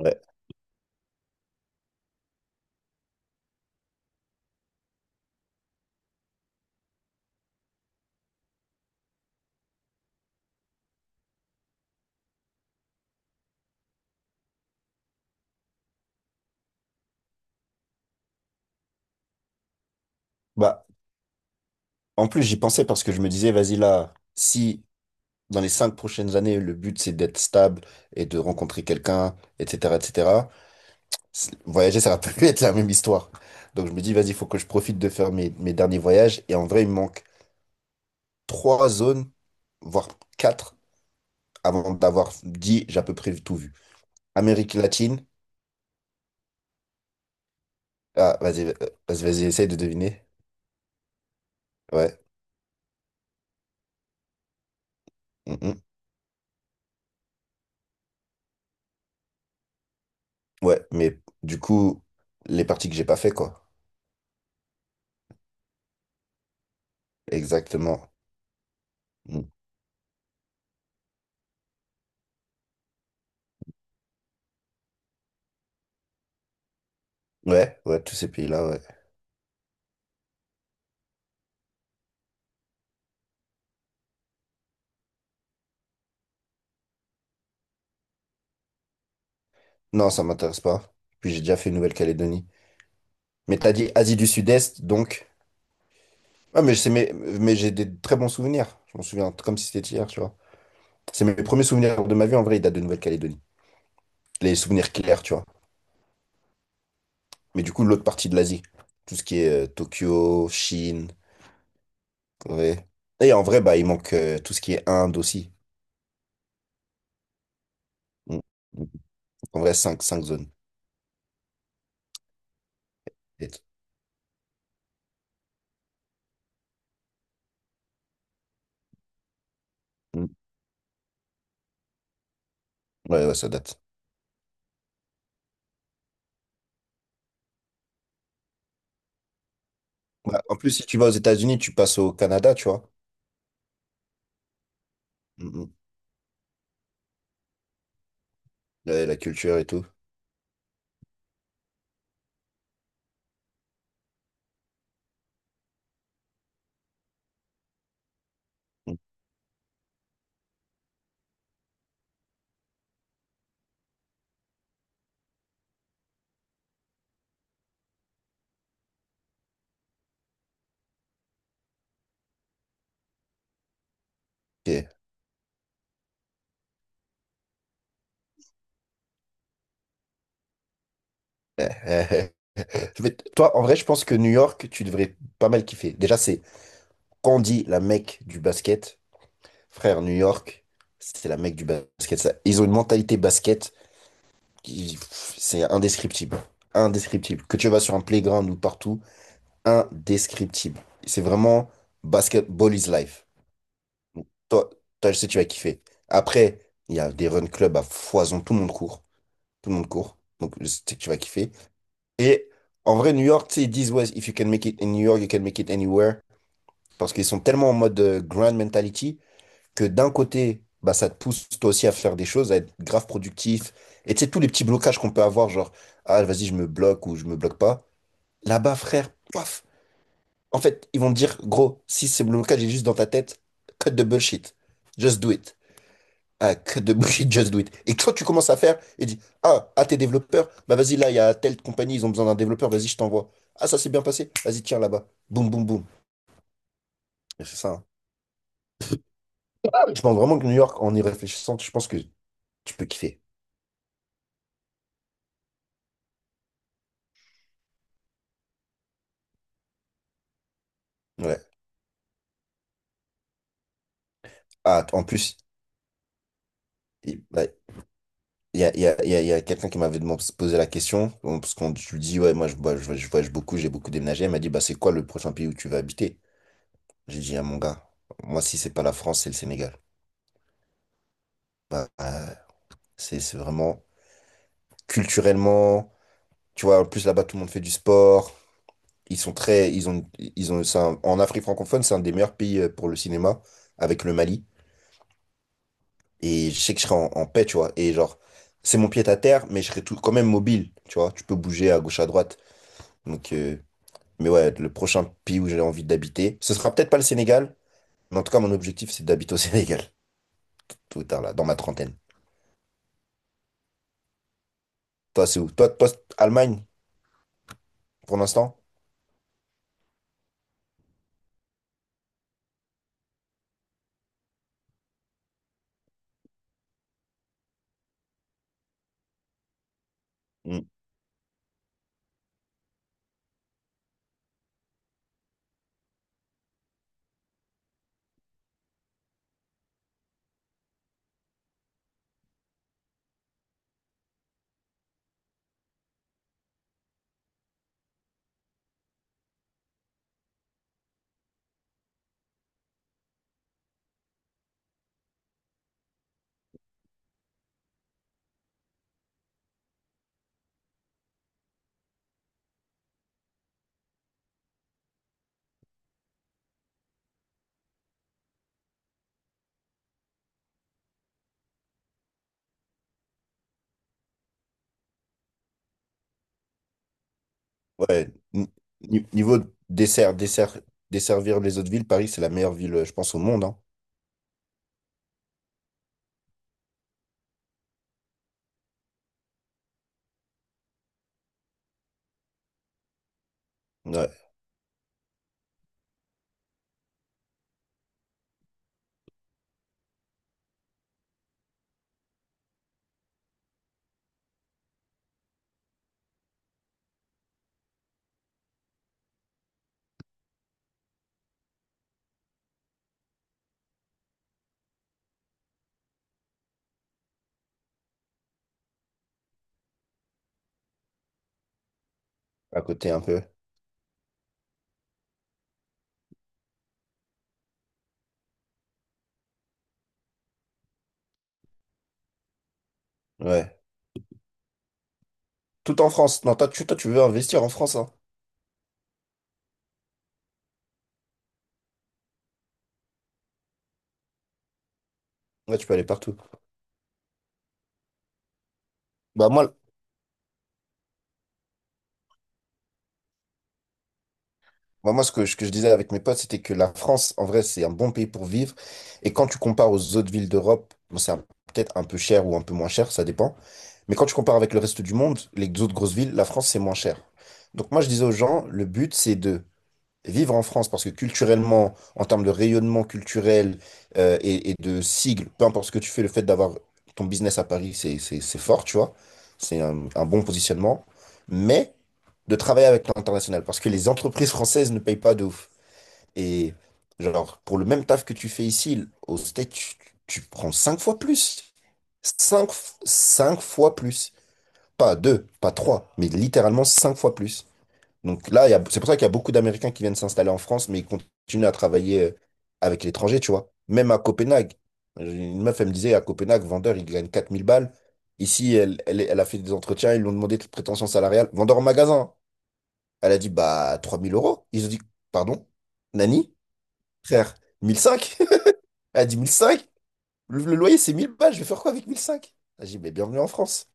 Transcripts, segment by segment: Ouais. Bah, en plus, j'y pensais parce que je me disais, vas-y là, si dans les cinq prochaines années, le but c'est d'être stable et de rencontrer quelqu'un, etc., etc., voyager, ça va plus être la même histoire. Donc je me dis, vas-y, il faut que je profite de faire mes derniers voyages. Et en vrai, il me manque trois zones, voire quatre, avant d'avoir dit, j'ai à peu près tout vu. Amérique latine. Ah, vas-y, vas-y, essaye de deviner. Ouais. Mm, mm. Ouais, mais du coup, les parties que j'ai pas fait, quoi. Exactement. Mm. Ouais, ouais, tous ces pays-là, ouais. Non, ça m'intéresse pas. Puis j'ai déjà fait Nouvelle-Calédonie. Mais t'as dit Asie du Sud-Est, donc. Ah, mais c'est mes... mais j'ai des très bons souvenirs. Je m'en souviens comme si c'était hier, tu vois. C'est mes premiers souvenirs de ma vie, en vrai, ils datent de Nouvelle-Calédonie. Les souvenirs clairs, tu vois. Mais du coup, l'autre partie de l'Asie. Tout ce qui est Tokyo, Chine, Corée. Et en vrai, bah, il manque tout ce qui est Inde aussi. Mm. En vrai, cinq zones. Peut-être. Mm. Ouais, ouais, ça date. Ouais, en plus, si tu vas aux États-Unis, tu passes au Canada, tu vois. Mm, mm. Ouais, la culture et tout. Ok. Euh, euh, Je vais toi, en vrai, je pense que New York, tu devrais pas mal kiffer. Déjà, c'est quand on dit la Mecque du basket, frère, New York, c'est la Mecque du basket. Ils ont une mentalité basket qui, pff, c'est indescriptible. Indescriptible. Que tu vas sur un playground ou partout, indescriptible. C'est vraiment basketball is life. Donc, toi, je sais, que tu vas kiffer. Après, il y a des run clubs à foison, tout le monde court. Tout le monde court. Donc, je sais que tu vas kiffer. Et en vrai, New York, tu sais, ils disent, ouais, if you can make it in New York, you can make it anywhere. Parce qu'ils sont tellement en mode grand mentality que d'un côté, bah, ça te pousse toi aussi à faire des choses, à être grave productif. Et tu sais, tous les petits blocages qu'on peut avoir, genre, ah, vas-y, je me bloque ou je me bloque pas. Là-bas, frère, paf. En fait, ils vont te dire, gros, si ce blocage est juste dans ta tête, cut the bullshit. Just do it. Ah, que de bullshit, just do it. Et quand tu commences à faire, et dis, ah, à tes développeurs, bah vas-y, là, il y a telle compagnie, ils ont besoin d'un développeur, vas-y, je t'envoie. Ah, ça s'est bien passé, vas-y, tiens, là-bas. Boum, boum, boum. Et c'est ça, hein. Ah, oui. Je pense vraiment que New York, en y réfléchissant, je pense que tu peux kiffer. Ouais. Ah, en plus, il ouais, il y a, il y a, il y a- il y a quelqu'un qui posé la question, bon, parce qu'on je lui dis, ouais, moi, voyage je voyage beaucoup, j'ai beaucoup déménagé. Elle m'a dit, bah, c'est quoi le prochain pays où tu vas habiter? J'ai dit, ah, mon gars, moi, si c'est pas la France, c'est le Sénégal. Bah, euh, c'est vraiment culturellement. Tu vois, en plus là-bas, tout le monde fait du sport. Ils sont très, ils ont, en Afrique francophone, c'est un des meilleurs pays pour le cinéma avec le Mali. Et je sais que je serai en paix, tu vois. Et genre, c'est mon pied à terre, mais je serai tout, quand même mobile, tu vois. Tu peux bouger à gauche, à droite. Donc, mais ouais, le prochain pays où j'ai envie d'habiter, ce sera peut-être pas le Sénégal, mais en tout cas, mon objectif, c'est d'habiter au Sénégal, tout tard là, dans ma trentaine. Toi, c'est où? Toi, c'est Allemagne, pour l'instant? Ouais, niveau dessert, desservir les autres villes, Paris, c'est la meilleure ville, je pense, au monde, hein. Ouais, à côté un peu. Ouais. Tout en France. Non, toi, tu veux investir en France, hein. Ouais, tu peux aller partout. Bah, moi, bah, moi ce que je disais avec mes potes, c'était que la France, en vrai, c'est un bon pays pour vivre. Et quand tu compares aux autres villes d'Europe, bon, peut-être un peu cher ou un peu moins cher, ça dépend. Mais quand tu compares avec le reste du monde, les autres grosses villes, la France, c'est moins cher. Donc, moi, je disais aux gens, le but, c'est de vivre en France parce que culturellement, en termes de rayonnement culturel et de sigle, peu importe ce que tu fais, le fait d'avoir ton business à Paris, c'est fort, tu vois. C'est un bon positionnement. Mais de travailler avec l'international parce que les entreprises françaises ne payent pas de ouf. Et genre, pour le même taf que tu fais ici, au States, tu prends cinq fois plus. Cinq, cinq fois plus. Pas deux, pas trois, mais littéralement cinq fois plus. Donc là, c'est pour ça qu'il y a beaucoup d'Américains qui viennent s'installer en France, mais ils continuent à travailler avec l'étranger, tu vois. Même à Copenhague. Une meuf, elle me disait, à Copenhague, vendeur, il gagne 4 000 balles. Ici, elle a fait des entretiens, ils lui ont demandé de prétention salariale. Vendeur en magasin. Elle a dit, bah, 3000 euros. Ils ont dit, pardon, Nani, frère, 1005? Elle a dit, 1005? Le loyer, c'est 1000 balles, je vais faire quoi avec 1005? J'ai dit, mais bienvenue en France.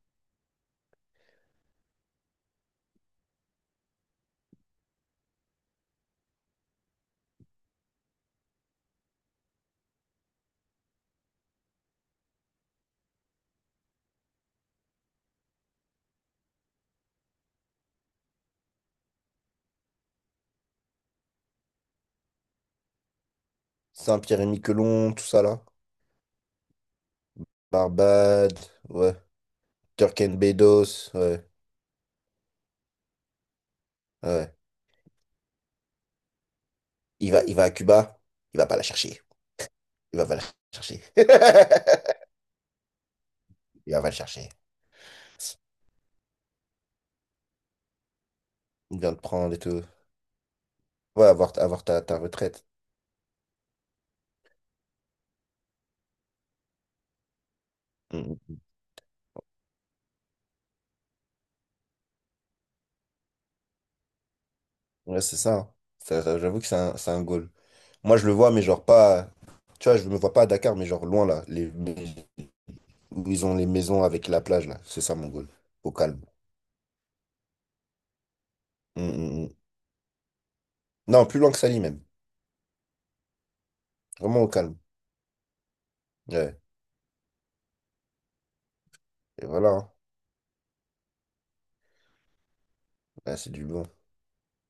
Saint-Pierre-et-Miquelon, tout ça là. Barbade, ouais. Turk and Bedos, ouais. Ouais. Il va à Cuba, il va pas la chercher. Il va pas la chercher. Il va pas la chercher. Il vient de prendre et tout. Ouais, avoir ta retraite. Mm. Ouais, c'est ça, hein. J'avoue que c'est c'est un goal. Moi, je le vois, mais genre pas. Tu vois, je me vois pas à Dakar, mais genre loin là. Les, où ils ont les maisons avec la plage là. C'est ça mon goal. Au calme. Mm, mm, mm. Non, plus loin que Sali même. Vraiment au calme. Ouais. Et voilà, hein. Ouais, c'est du bon.